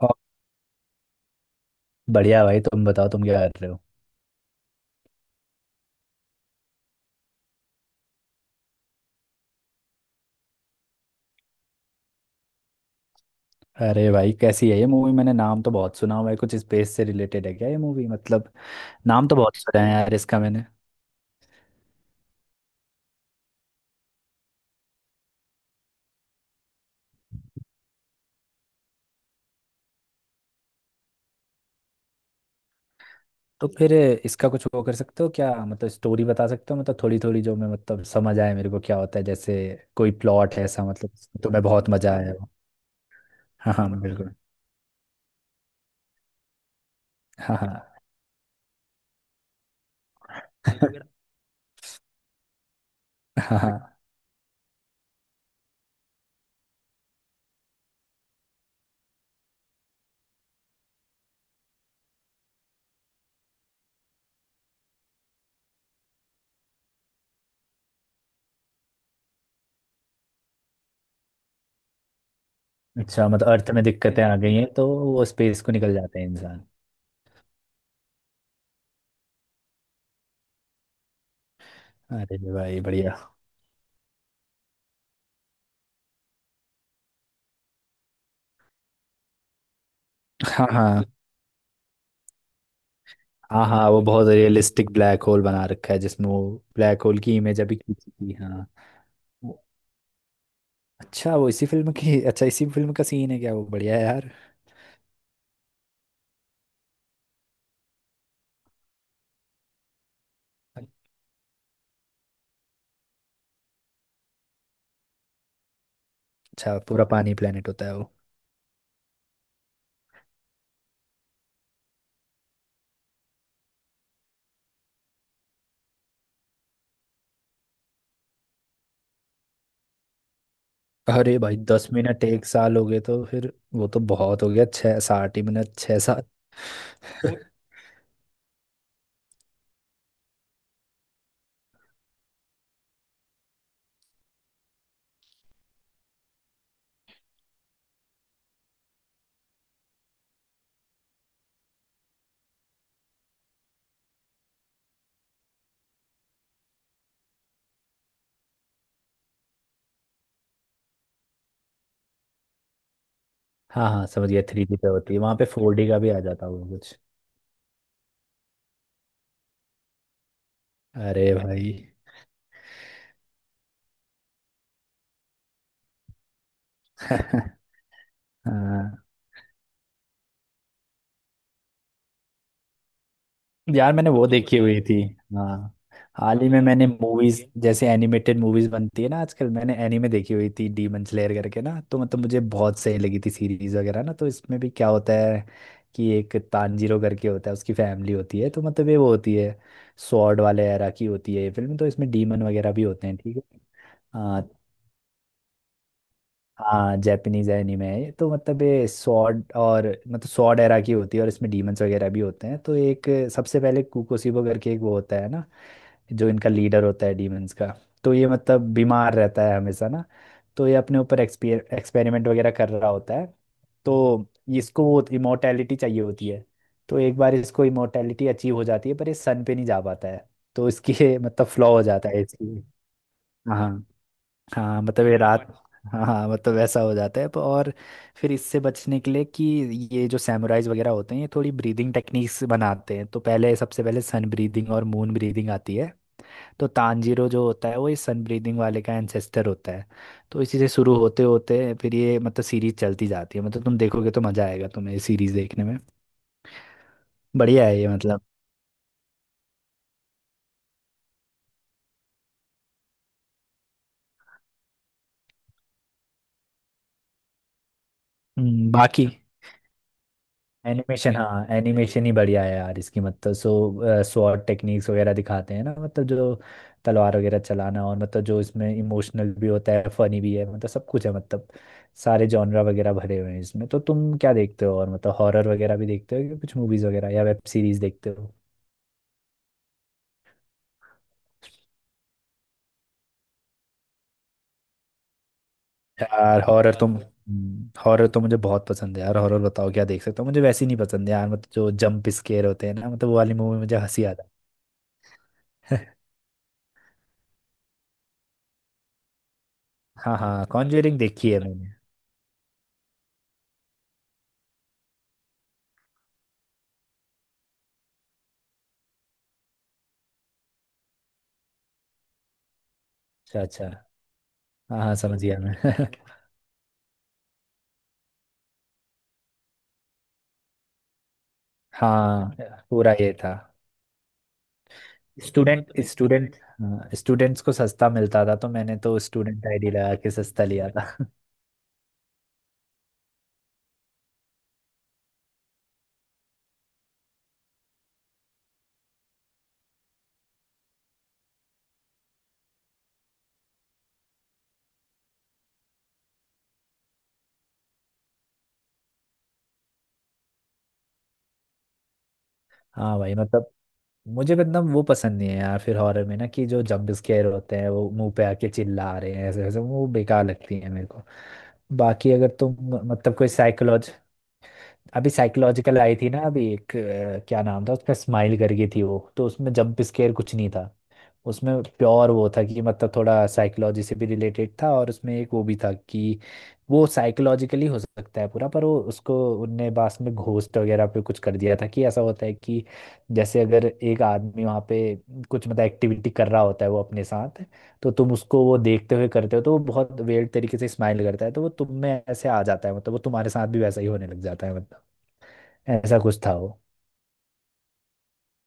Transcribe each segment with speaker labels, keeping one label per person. Speaker 1: और। बढ़िया भाई, तुम बताओ तुम क्या कर रहे हो? अरे भाई, कैसी है ये मूवी? मैंने नाम तो बहुत सुना हुआ है, कुछ स्पेस से रिलेटेड है क्या ये मूवी, मतलब? नाम तो बहुत सुना है यार इसका मैंने। तो फिर इसका कुछ वो कर सकते हो क्या? मतलब स्टोरी बता सकते हो? मतलब थोड़ी थोड़ी जो मैं, मतलब, समझ आए मेरे को क्या होता है, जैसे कोई प्लॉट है ऐसा, मतलब? तुम्हें बहुत मजा आया हो? हाँ हाँ, बिल्कुल। हाँ हाँ। हाँ हाँ। अच्छा, मतलब अर्थ में दिक्कतें आ गई हैं तो वो स्पेस को निकल जाते हैं इंसान। अरे भाई बढ़िया। हाँ हाँ हाँ। हाँ वो बहुत रियलिस्टिक ब्लैक होल बना रखा है, जिसमें वो ब्लैक होल की इमेज अभी खींची थी, हाँ। वो- अच्छा वो इसी फिल्म की, अच्छा इसी फिल्म का सीन है क्या वो? बढ़िया है यार। अच्छा, पूरा पानी प्लेनेट होता है वो। अरे भाई, 10 मिनट 1 साल हो गए तो फिर वो तो बहुत हो गया, छः साठ ही मिनट, छः सात। हाँ हाँ, समझ गया, थ्री डी पे होती है, वहाँ पे फोर डी का भी आ जाता होगा कुछ। अरे भाई। हाँ यार मैंने वो देखी हुई थी। हाँ। हाल ही में मैंने मूवीज, जैसे एनिमेटेड मूवीज बनती है ना आजकल, मैंने एनीमे देखी हुई थी डीमन स्लेयर करके ना, तो मतलब मुझे बहुत सही लगी थी सीरीज वगैरह ना, तो इसमें भी क्या होता है कि एक तानजीरो करके होता है, उसकी फैमिली होती है, तो मतलब ये वो होती है, स्वॉर्ड वाले एरा की होती है ये फिल्म, तो इसमें डीमन वगैरह भी होते हैं, ठीक है। हाँ हाँ, जैपनीज एनिमे है ये, तो मतलब ये सॉर्ड, और मतलब सॉर्ड एरा की होती है, और इसमें डीमंस वगैरह भी होते हैं, तो एक सबसे पहले कुकोसीबो करके एक वो होता है ना, जो इनका लीडर होता है डीमंस का। तो ये मतलब बीमार रहता है हमेशा ना, तो ये अपने ऊपर एक्सपेरिमेंट वगैरह कर रहा होता है। तो इसको वो इमोर्टैलिटी चाहिए होती है, तो एक बार इसको इमोर्टैलिटी अचीव हो जाती है, पर ये सन पे नहीं जा पाता है। तो इसकी मतलब फ्लॉ हो जाता है इसकी। हाँ हाँ, मतलब ये रात, और हाँ हाँ मतलब वैसा हो जाता है, और फिर इससे बचने के लिए कि ये जो सैमुराइज वगैरह होते हैं ये थोड़ी ब्रीदिंग टेक्निक्स बनाते हैं, तो पहले सबसे पहले सन ब्रीदिंग और मून ब्रीदिंग आती है। तो तानजीरो जो होता है, वो इस सन ब्रीदिंग वाले का एंसेस्टर होता है। तो इसी से शुरू होते होते फिर ये मतलब सीरीज चलती जाती है, मतलब तुम देखोगे तो मजा आएगा तुम्हें ये सीरीज देखने में। बढ़िया है ये, मतलब। बाकी एनिमेशन, हाँ, एनिमेशन ही बढ़िया है यार इसकी, मतलब। सो स्वॉर्ड टेक्निक्स वगैरह दिखाते हैं ना, मतलब जो तलवार वगैरह चलाना, और मतलब जो इसमें इमोशनल भी होता है, फनी भी है, मतलब सब कुछ है, मतलब सारे जॉनरा वगैरह भरे हुए हैं इसमें। तो तुम क्या देखते हो? और मतलब हॉरर वगैरह भी देखते हो या कुछ मूवीज वगैरह या वेब सीरीज देखते हो? यार हॉरर तो, हॉरर तो मुझे बहुत पसंद है यार। हॉरर बताओ क्या देख सकता हूँ। मुझे वैसी नहीं पसंद है यार, मतलब जो जंप स्केयर होते हैं ना, मतलब वो वाली मूवी मुझे हंसी आता है। हाँ हाँ, कॉन्जरिंग देखी है मैंने। अच्छा, अच्छा। हाँ हाँ, समझ गया मैं। हाँ, पूरा ये था। स्टूडेंट स्टूडेंट, हाँ, स्टूडेंट्स को सस्ता मिलता था तो मैंने तो स्टूडेंट आईडी लगा के सस्ता लिया था। हाँ भाई, मतलब मुझे एकदम वो पसंद नहीं है यार फिर हॉरर में ना, कि जो जंप स्केयर होते हैं वो मुंह पे आके चिल्ला रहे हैं ऐसे वैसे, वो बेकार लगती है मेरे को। बाकी अगर तुम मतलब कोई साइकोलॉज अभी साइकोलॉजिकल आई थी ना, अभी एक, क्या नाम था उसका, स्माइल करके थी वो, तो उसमें जंप स्केयर कुछ नहीं था। उसमें प्योर वो था कि मतलब थोड़ा साइकोलॉजी से भी रिलेटेड था, और उसमें एक वो भी था कि वो साइकोलॉजिकली हो सकता है पूरा, पर वो उसको उनने बाद में घोस्ट वगैरह पे कुछ कर दिया था कि ऐसा होता है कि जैसे अगर एक आदमी वहाँ पे कुछ मतलब एक्टिविटी कर रहा होता है वो अपने साथ, तो तुम उसको वो देखते हुए करते हो तो वो बहुत वेird तरीके से स्माइल करता है, तो वो तुम में ऐसे आ जाता है, मतलब वो तुम्हारे साथ भी वैसा ही होने लग जाता है, मतलब ऐसा कुछ था वो।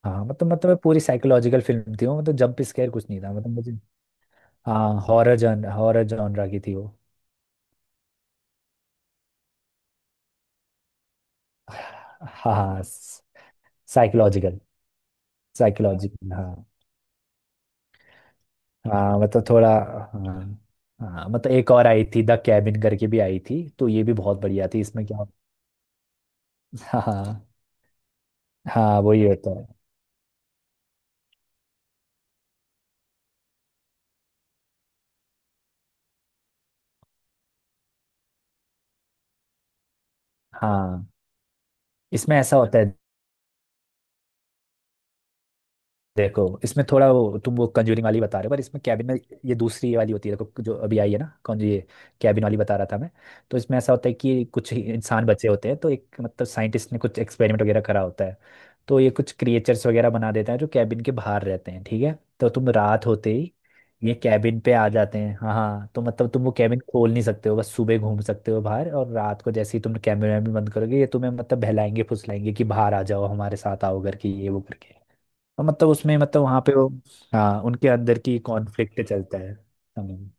Speaker 1: हाँ मतलब पूरी साइकोलॉजिकल फिल्म थी वो, मतलब जंप स्केयर कुछ नहीं था, मतलब मुझे। हाँ हॉरर जॉनरा की थी वो। हाँ हाँ, साइकोलॉजिकल। साइकोलॉजिकल, हाँ। हाँ मतलब थोड़ा, हाँ। हाँ मतलब एक और आई थी द कैबिन करके भी आई थी, तो ये भी बहुत बढ़िया थी, इसमें क्या। हाँ हाँ हाँ, वही होता है। हाँ इसमें ऐसा होता है, देखो इसमें थोड़ा वो, तुम वो कंजूरिंग वाली बता रहे हो, पर इसमें कैबिन में ये दूसरी वाली होती है, देखो जो अभी आई है ना, कौन, ये कैबिन वाली बता रहा था मैं। तो इसमें ऐसा होता है कि कुछ ही इंसान बचे होते हैं तो एक मतलब साइंटिस्ट ने कुछ एक्सपेरिमेंट वगैरह करा होता है। तो ये कुछ क्रिएचर्स वगैरह बना देते हैं जो कैबिन के बाहर रहते हैं, ठीक है। तो तुम रात होते ही ये कैबिन पे आ जाते हैं, हाँ हाँ, तो मतलब तुम वो कैबिन खोल नहीं सकते हो, बस सुबह घूम सकते हो बाहर, और रात को जैसे ही तुम कैमरे में बंद करोगे ये तुम्हें मतलब बहलाएंगे फुसलाएंगे कि बाहर आ जाओ हमारे साथ आओ करके, ये वो करके। और मतलब उसमें मतलब वहां पे वो, हाँ उनके अंदर की कॉन्फ्लिक्ट चलता है। हम्म,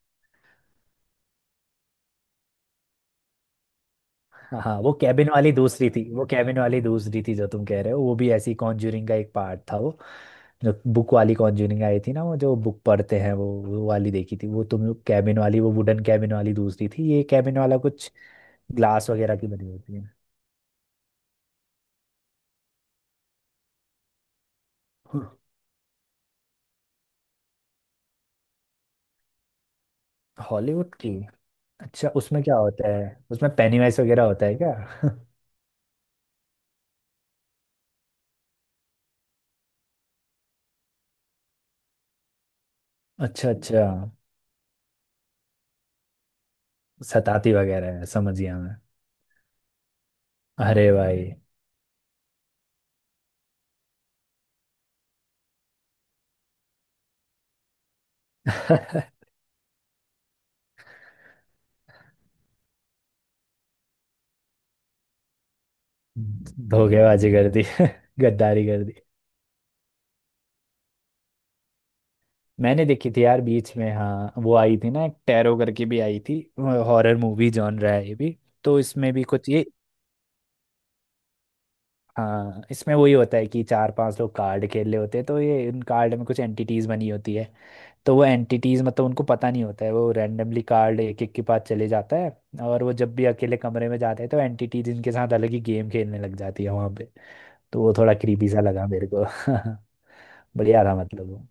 Speaker 1: हाँ वो कैबिन वाली दूसरी थी, वो कैबिन वाली दूसरी थी जो तुम कह रहे हो, वो भी ऐसी कॉन्ज्यूरिंग का एक पार्ट था वो, जो बुक वाली कॉन्ज्यूरिंग आई थी ना वो, जो बुक पढ़ते हैं वो वाली देखी थी वो, तुम कैबिन वाली वो वुडन कैबिन वाली दूसरी थी, ये कैबिन वाला कुछ ग्लास वगैरह की बनी होती है। हॉलीवुड की। अच्छा, उसमें क्या होता है? उसमें पेनीवाइज वगैरह होता है क्या? अच्छा अच्छा, सताती वगैरह है, समझ गया मैं। अरे भाई। धोखेबाजी कर दी। गद्दारी कर दी। मैंने देखी थी यार बीच में, हाँ वो आई थी ना एक टैरो करके भी आई थी, हॉरर मूवी जॉनर है ये भी, तो इसमें भी कुछ ये, हाँ इसमें वही होता है कि चार पांच लोग कार्ड खेल रहे होते हैं तो ये इन कार्ड में कुछ एंटिटीज बनी होती है। तो वो एंटिटीज, मतलब उनको पता नहीं होता है, वो रैंडमली कार्ड एक एक के पास चले जाता है, और वो जब भी अकेले कमरे में जाते हैं तो एंटिटीज इनके साथ अलग ही गेम खेलने लग जाती है वहां पे, तो वो थोड़ा क्रीपी सा लगा मेरे को। बढ़िया था मतलब वो।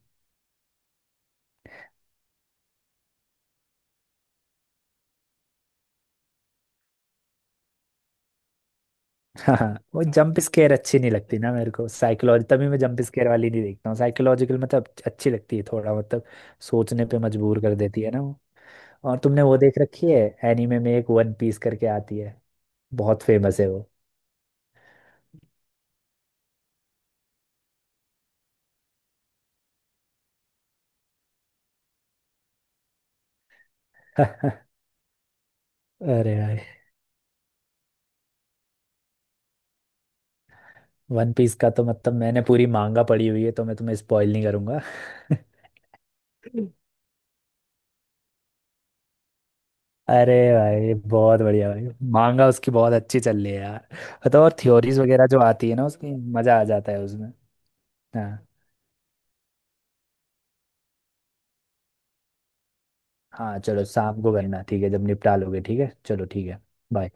Speaker 1: हाँ वो जंप स्केयर अच्छी नहीं लगती ना मेरे को, साइकोलॉजी, तभी मैं जंप स्केयर वाली नहीं देखता हूँ, साइकोलॉजिकल मतलब अच्छी लगती है, थोड़ा मतलब सोचने पे मजबूर कर देती है ना वो। और तुमने वो देख रखी है एनीमे में, एक वन पीस करके आती है, बहुत फेमस है वो। अरे भाई, वन पीस का तो मतलब मैंने पूरी मांगा पड़ी हुई है तो मैं तुम्हें स्पॉइल नहीं करूंगा। अरे भाई बहुत बढ़िया भाई, मांगा उसकी बहुत अच्छी चल रही है यार, मतलब और थ्योरीज वगैरह जो आती है ना उसकी, मजा आ जाता है उसमें। हाँ। हाँ चलो, शाम को करना, ठीक है जब निपटा लोगे, ठीक है, चलो ठीक है। बाय।